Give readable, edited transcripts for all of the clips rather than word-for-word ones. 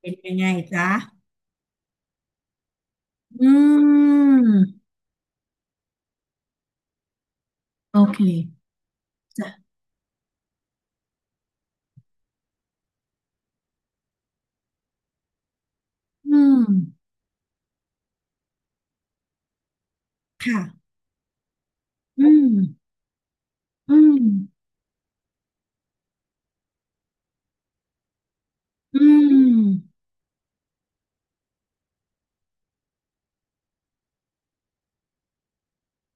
เป็นยังไงจ๊ะอืม โอเค จ้ะ อืม ค่ะ อืม อืมอืม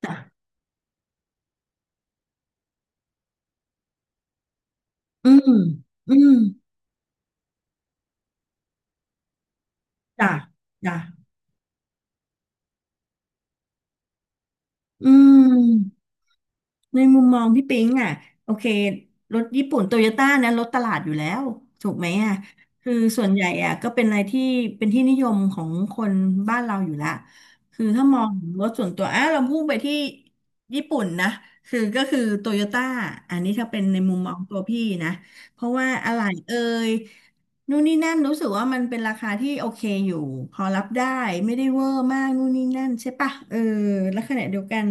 จ้ะ อืม อืม จ้ะจ้ะ อืม ในมุมมองพี่ปิ๊งอ่ะโอเครถญี่ปุ่นโตโยต้านะรถตลาดอยู่แล้วถูกไหมอ่ะคือส่วนใหญ่อ่ะก็เป็นอะไรที่เป็นที่นิยมของคนบ้านเราอยู่ละคือถ้ามองถึงรถส่วนตัวอ่ะเราพุ่งไปที่ญี่ปุ่นนะคือก็คือโตโยต้าอันนี้ถ้าเป็นในมุมมองตัวพี่นะเพราะว่าอะไหล่เอ่ย นู่นนี่นั่นรู้สึกว่ามันเป็นราคาที่โอเคอยู่พอรับได้ไม่ได้เวอร์มากนู่นนี่นั่นใช่ปะเออแล้วขณะเดียวกัน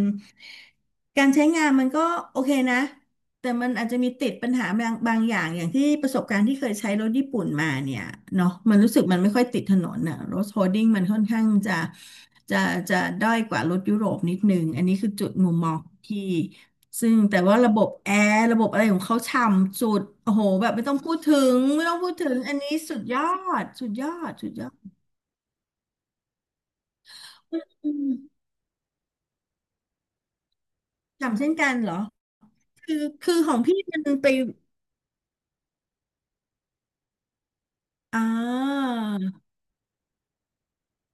การใช้งานมันก็โอเคนะ แต่มันอาจจะมีติดปัญหาบางอย่างอย่างที่ประสบการณ์ที่เคยใช้รถญี่ปุ่นมาเนี่ยเนาะมันรู้สึกมันไม่ค่อยติดถนนน่ะรถโฮดดิ้งมันค่อนข้างจะจะจะด้อยกว่ารถยุโรปนิดนึงอันนี้คือจุดมุมมองที่ซึ่งแต่ว่าระบบแอร์ระบบอะไรของเขาฉ่ำสุดโอ้โหแบบไม่ต้องพูดถึงไม่ต้องพูดถึงอันนี้สุดยอดสุดยอดสุดยอดอืมฉ่ำเช่นกันเหรอคือคือของพี่มันไปอ่า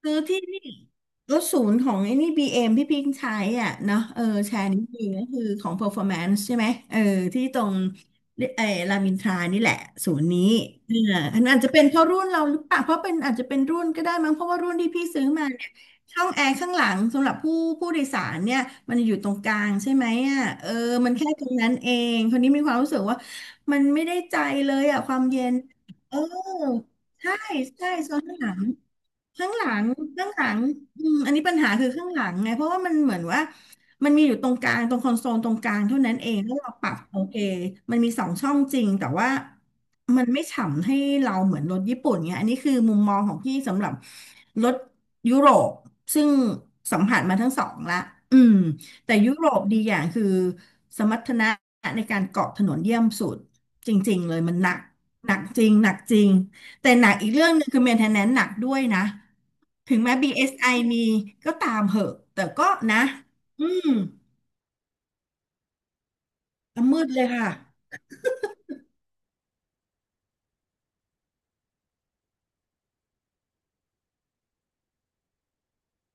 ซื้อที่นี่รถศูนย์ของไอ้นี่บีเอ็มที่พิงใช้อ่ะเนาะเออแชร์นี้ดีก็คือของ performance ใช่ไหมเออที่ตรงเออรามอินทรานี่แหละศูนย์นี้เอออันอาจจะเป็นเพราะรุ่นเราหรือเปล่าเพราะเป็นอาจจะเป็นรุ่นก็ได้มั้งเพราะว่ารุ่นที่พี่ซื้อมาเนี่ยช่องแอร์ข้างหลังสำหรับผู้โดยสารเนี่ยมันอยู่ตรงกลางใช่ไหมอ่ะเออมันแค่ตรงนั้นเองคนนี้มีความรู้สึกว่ามันไม่ได้ใจเลยอ่ะความเย็นเออใช่ใช่โซนข้างหลัง ข้างหลังข้างหลังอืมอันนี้ปัญหาคือข้างหลังไงเพราะว่ามันเหมือนว่ามันมีอยู่ตรงกลางตรงคอนโซลตรงกลางเท่านั้นเองถ้าเราปรับโอเคมันมีสองช่องจริงแต่ว่ามันไม่ฉ่ำให้เราเหมือนรถญี่ปุ่นเงี้ยอันนี้คือมุมมองของพี่สำหรับรถยุโรปซึ่งสัมผัสมาทั้งสองละอืมแต่ยุโรปดีอย่างคือสมรรถนะในการเกาะถนนเยี่ยมสุดจริงๆเลยมันหนักหนักจริง แต่หนักอีกเรื่องหนึ่งคือ maintenance หนักด้วยนะถึงแม้ BSI มีก็ตามเหอะแต่ก็นะอืมมืดเลยค่ะ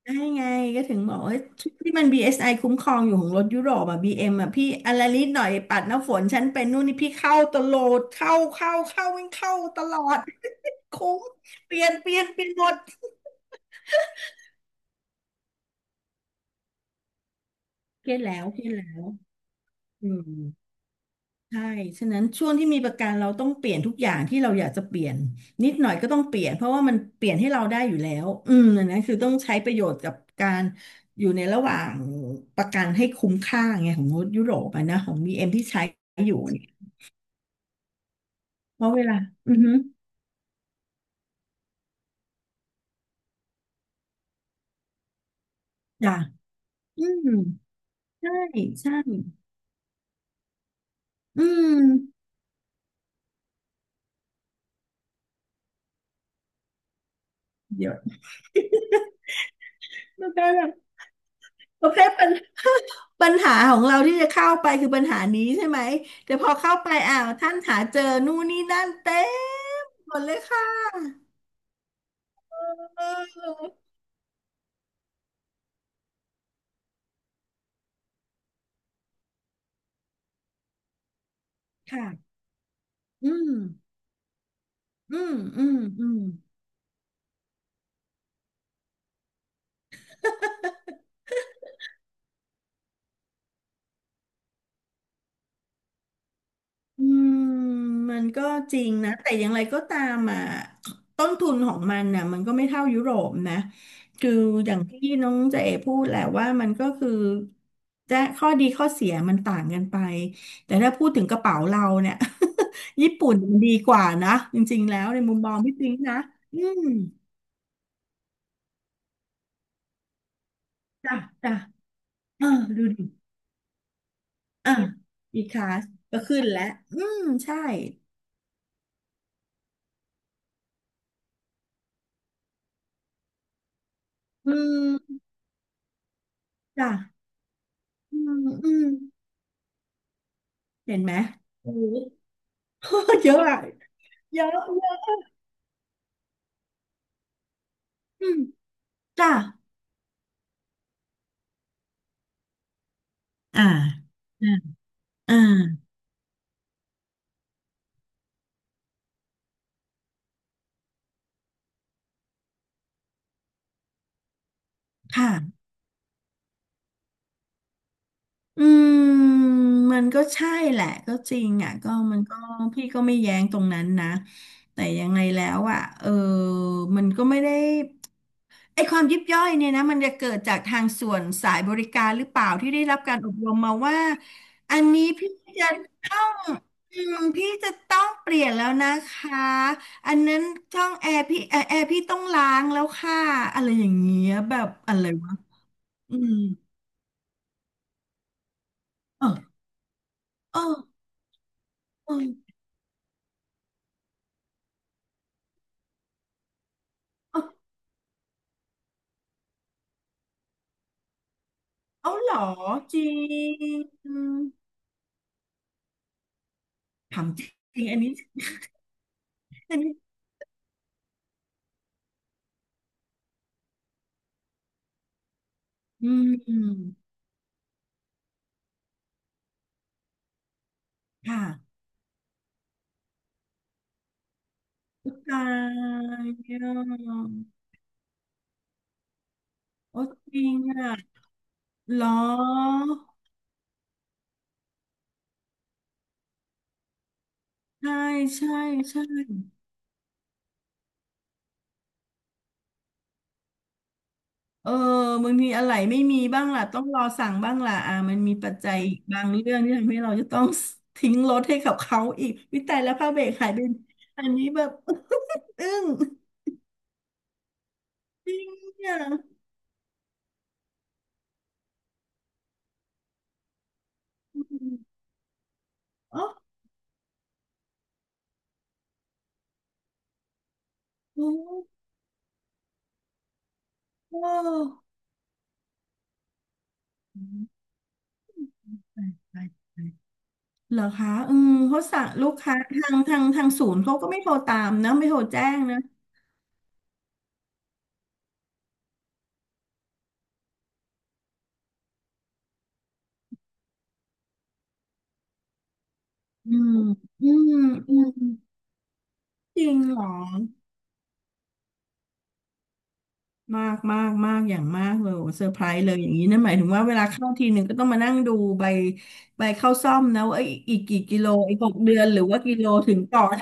ได้ไงก็ถึงบอกว่าชุดที่มัน BSI คุ้มครองอยู่ของรถยุโรปอ่ะ BM อมอ่ะพี่อะไรนิดหน่อยปัดน้ำฝนฉันเป็นนู่นนี่พี่เข้าตลอดเข้าวิ่งเข้าตลอด คุ้มเปลี่ยนหมดเครียดแล้วอืม ใช่ ฉะนั้นช่วงที่มีประกันเราต้องเปลี่ยนทุกอย่างที่เราอยากจะเปลี่ยนนิดหน่อยก็ต้องเปลี่ยนเพราะว่ามันเปลี่ยนให้เราได้อยู่แล้ว อืมอันนั้นคือต้องใช้ประโยชน์กับการอยู่ในระหว่างประกันให้คุ้มค่าไงของรถยุโรปอะนะของ b มที่ใช้อยู่เนี่ยเพราะเวลาอือฮึจ้ะอืมใช่ใช่อืมเดี๋ยวไม่เป็นไร ประเภทปัญ ปัญหาของเราที่จะเข้าไปคือปัญหานี้ใช่ไหมแต่พอเข้าไปอ้าวท่านหาเจอนู่นนี่นั่นเต็มหมดเลยค่ะเออค่ะอืมอืมอืมอืม อืมมันก็จริงนะแต่อย่างไรก็ตามอ่ะต้นทุนของมันน่ะมันก็ไม่เท่ายุโรปนะคืออย่างที่น้องเจเอพูดแหละว่ามันก็คือจะข้อดีข้อเสียมันต่างกันไปแต่ถ้าพูดถึงกระเป๋าเราเนี่ย ญี่ปุ่นมันดีกว่านะจริงๆแล้วในมุมมองพี่ปิ๊งนะอืมจ้ะจ้ะอ่าดูดิอ่าอีคลาสก็ขึ้นแล้วอืมใช่อืมจ้ะอืมอืมเห็นไหมโอ้ เยอะอะเยอะเยอะอืมจ้ะอ่าอ่าอ่าค่ะอืมมันก็ใช่แหละก็จริงอ่ะก็มันก็พี่ก็ไม่แย้งตรงนั้นนะแต่ยังไงแล้วอ่ะเออมันก็ไม่ได้ ไอความยิบย่อยเนี่ยนะมันจะเกิดจากทางส่วนสายบริการหรือเปล่าที่ได้รับการอบรมมาว่าอันนี้พี่จะต้องพี่จะต้องเปลี่ยนแล้วนะคะอันนั้นช่องแอร์พี่แอร์พี่ต้องล้างแล้วค่ะอะไรอย่างเงี้ยแบบอะไรวะอืมเออเออเออเออเอาเหรอจริงอืมถามจริงอันนี้อันนี้อืมอืมค่ะตายเนี่ยโอ้จริงอ่ะ เหรอใช่ใช่ใช่เออมันมีอะไรไม่มีบ้างล่ะต้องรอสั่งบ้างล่ะมันมีปัจจัยบางเรื่องที่ทำให้เราจะต้อง ทิ้งรถให้กับเขาอีกวิตายแล้วผ้าเบรกหายไปอันนี้แบบ อึ้งจริงเนี่ยอมอ๋อโอ้โหไปไปไปเหรอคะอืมเขาสั่งลูกค้าทางศูนย์เขาก็ไม่โทรตามนะไม่โทรแจ้งนะอืมอืมอืมจริงเหรอ มากมากมากอย่างมากเลยโอ้เซอร์ไพรส์เลยอย่างนี้นั่นหมายถึงว่าเวลาเข้าทีหนึ่งก็ต้องมานั่งดูใบใบเข้าซ่อมนะว่าไอ้อีกกี่กิโลอีกหกเดือนหรือว่ากิโลถึงก่อน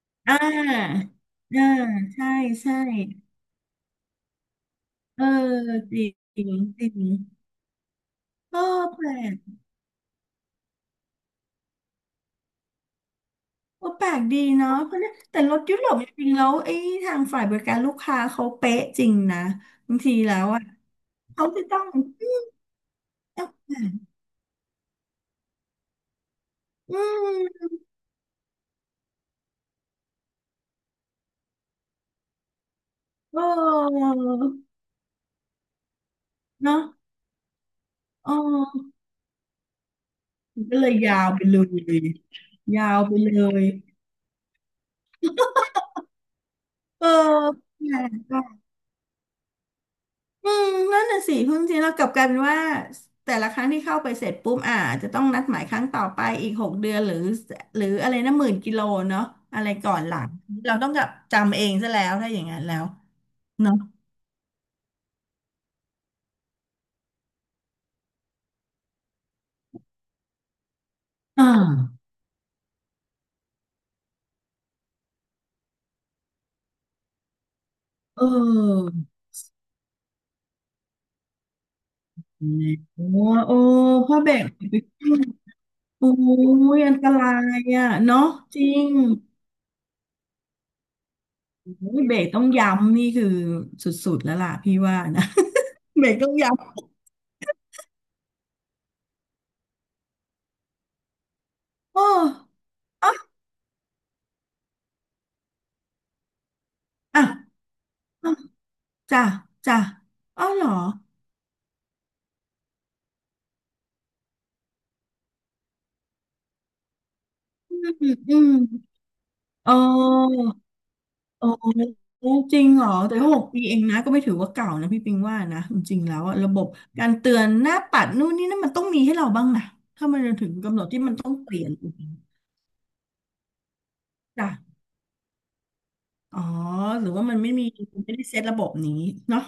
อ่าอ่าใช่ใช่เออจริงจริงจริงเออแปลกโอ้แปลกดีเนาะเพราะเนี่ยแต่รถยุโรปจริงๆแล้วไอ้ทางฝ่ายบริการลูกค้าเขาเป๊ะจริงนะบางทีแล้วอ่ะเขาจะต้อง อืมเออเนาะอออ มันก็เลยยาวไปเลยยาวไปเลยเออแปลกอะอืมนั่นน่ะสิคุณจริงๆเรากลับกลายเป็นว่าแต่ละครั้งที่เข้าไปเสร็จปุ๊บจะต้องนัดหมายครั้งต่อไปอีกหกเดือนหรือหรืออะไรนะ10,000 กิโลเนาะอะไรก่อนหลังเราต้องกับจำเองซะแล้วถ้าอย่างนั้นแล้วเนาะอ่าเออเนี่ยโอ้โอ้พ่อเบรกโอ้ยอันตรายอ่ะเนาะจริงโอ้ยเบรกต้องย้ำนี่คือสุดๆแล้วล่ะพี่ว่านะ เบรกต้องยาวโอ้อ่ะอ้าวจ้ะจ้ะอ๋อเหรออืมอืมเออเออจริงเหรอ แต่6 ปีเองนะ ก็ไม่ถือว่าเก่านะพี่ปิงว่านะจริงๆแล้วอะระบบการเตือนหน้าปัดนู่นนี่นั่นมันต้องมีให้เราบ้างนะ ถ้ามันถึงกำหนดที่มันต้องเปลี่ยนจ้ะอ๋อ หรือว่ามันไม่มีไม่ได้เซตระบบนี้เนาะ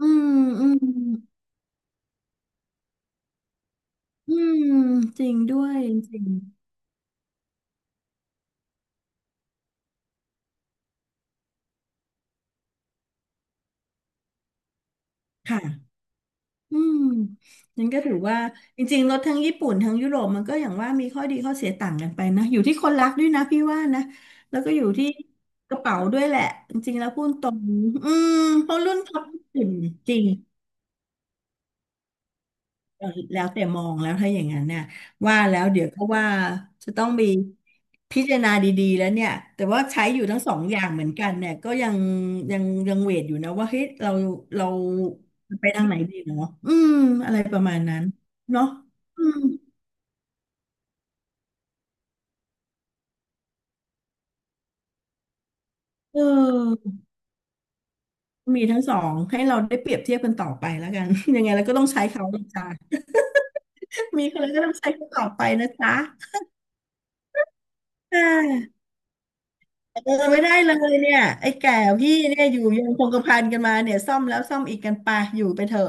อืมอืมอืมจริงด้วยจริงค่ะ อืม นั่นก็ถือว่าจริงๆรถทั้งญี่ปุ่นทั้งยุโรปมันก็อย่างว่ามีข้อดีข้อเสียต่างกันไปนะอยู่ที่คนรักด้วยนะพี่ว่านะแล้วก็อยู่ที่กระเป๋าด้วยแหละจริงๆแล้วพูดตรงอืมเพราะรุ่นท็อปญี่ปุ่นจริง เออแล้วแต่มองแล้วถ้าอย่างนั้นเนี่ยว่าแล้วเดี๋ยวก็ว่าจะต้องมีพิจารณาดีๆแล้วเนี่ยแต่ว่าใช้อยู่ทั้งสองอย่างเหมือนกันเนี่ยก็ยังยังเวทอยู่นะว่าเฮ้ยเราเราไปทางไหนดีเนาะอืมอะไรประมาณนั้นเนาะอืมเออมีทั้งสองให้เราได้เปรียบเทียบกันต่อไปแล้วกัน ยังไงเราก็ต้องใช้เขานะจ๊ะ มีคนเราก็ต้องใช้เขาต่อไปนะจ๊ะใช่ เออไม่ได้เลยเนี่ยไอ้แก่พี่เนี่ยอยู่ยังคงกระพันกันมาเนี่ยซ่อมแล้วซ่อมอีกกันไปอยู่ไปเถอะ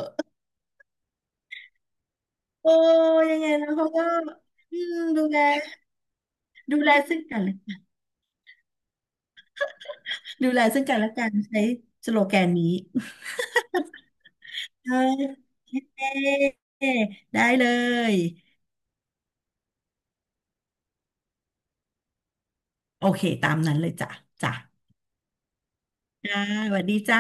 โอ้ยังไงนะเขาก็อืมดูแลดูแลซึ่งกันและดูแลซึ่งกันและกันใช้สโลแกนนี้เออเย้ได้เลยโอเคตามนั้นเลยจ้ะจ้ะจ้าสวัสดีจ้า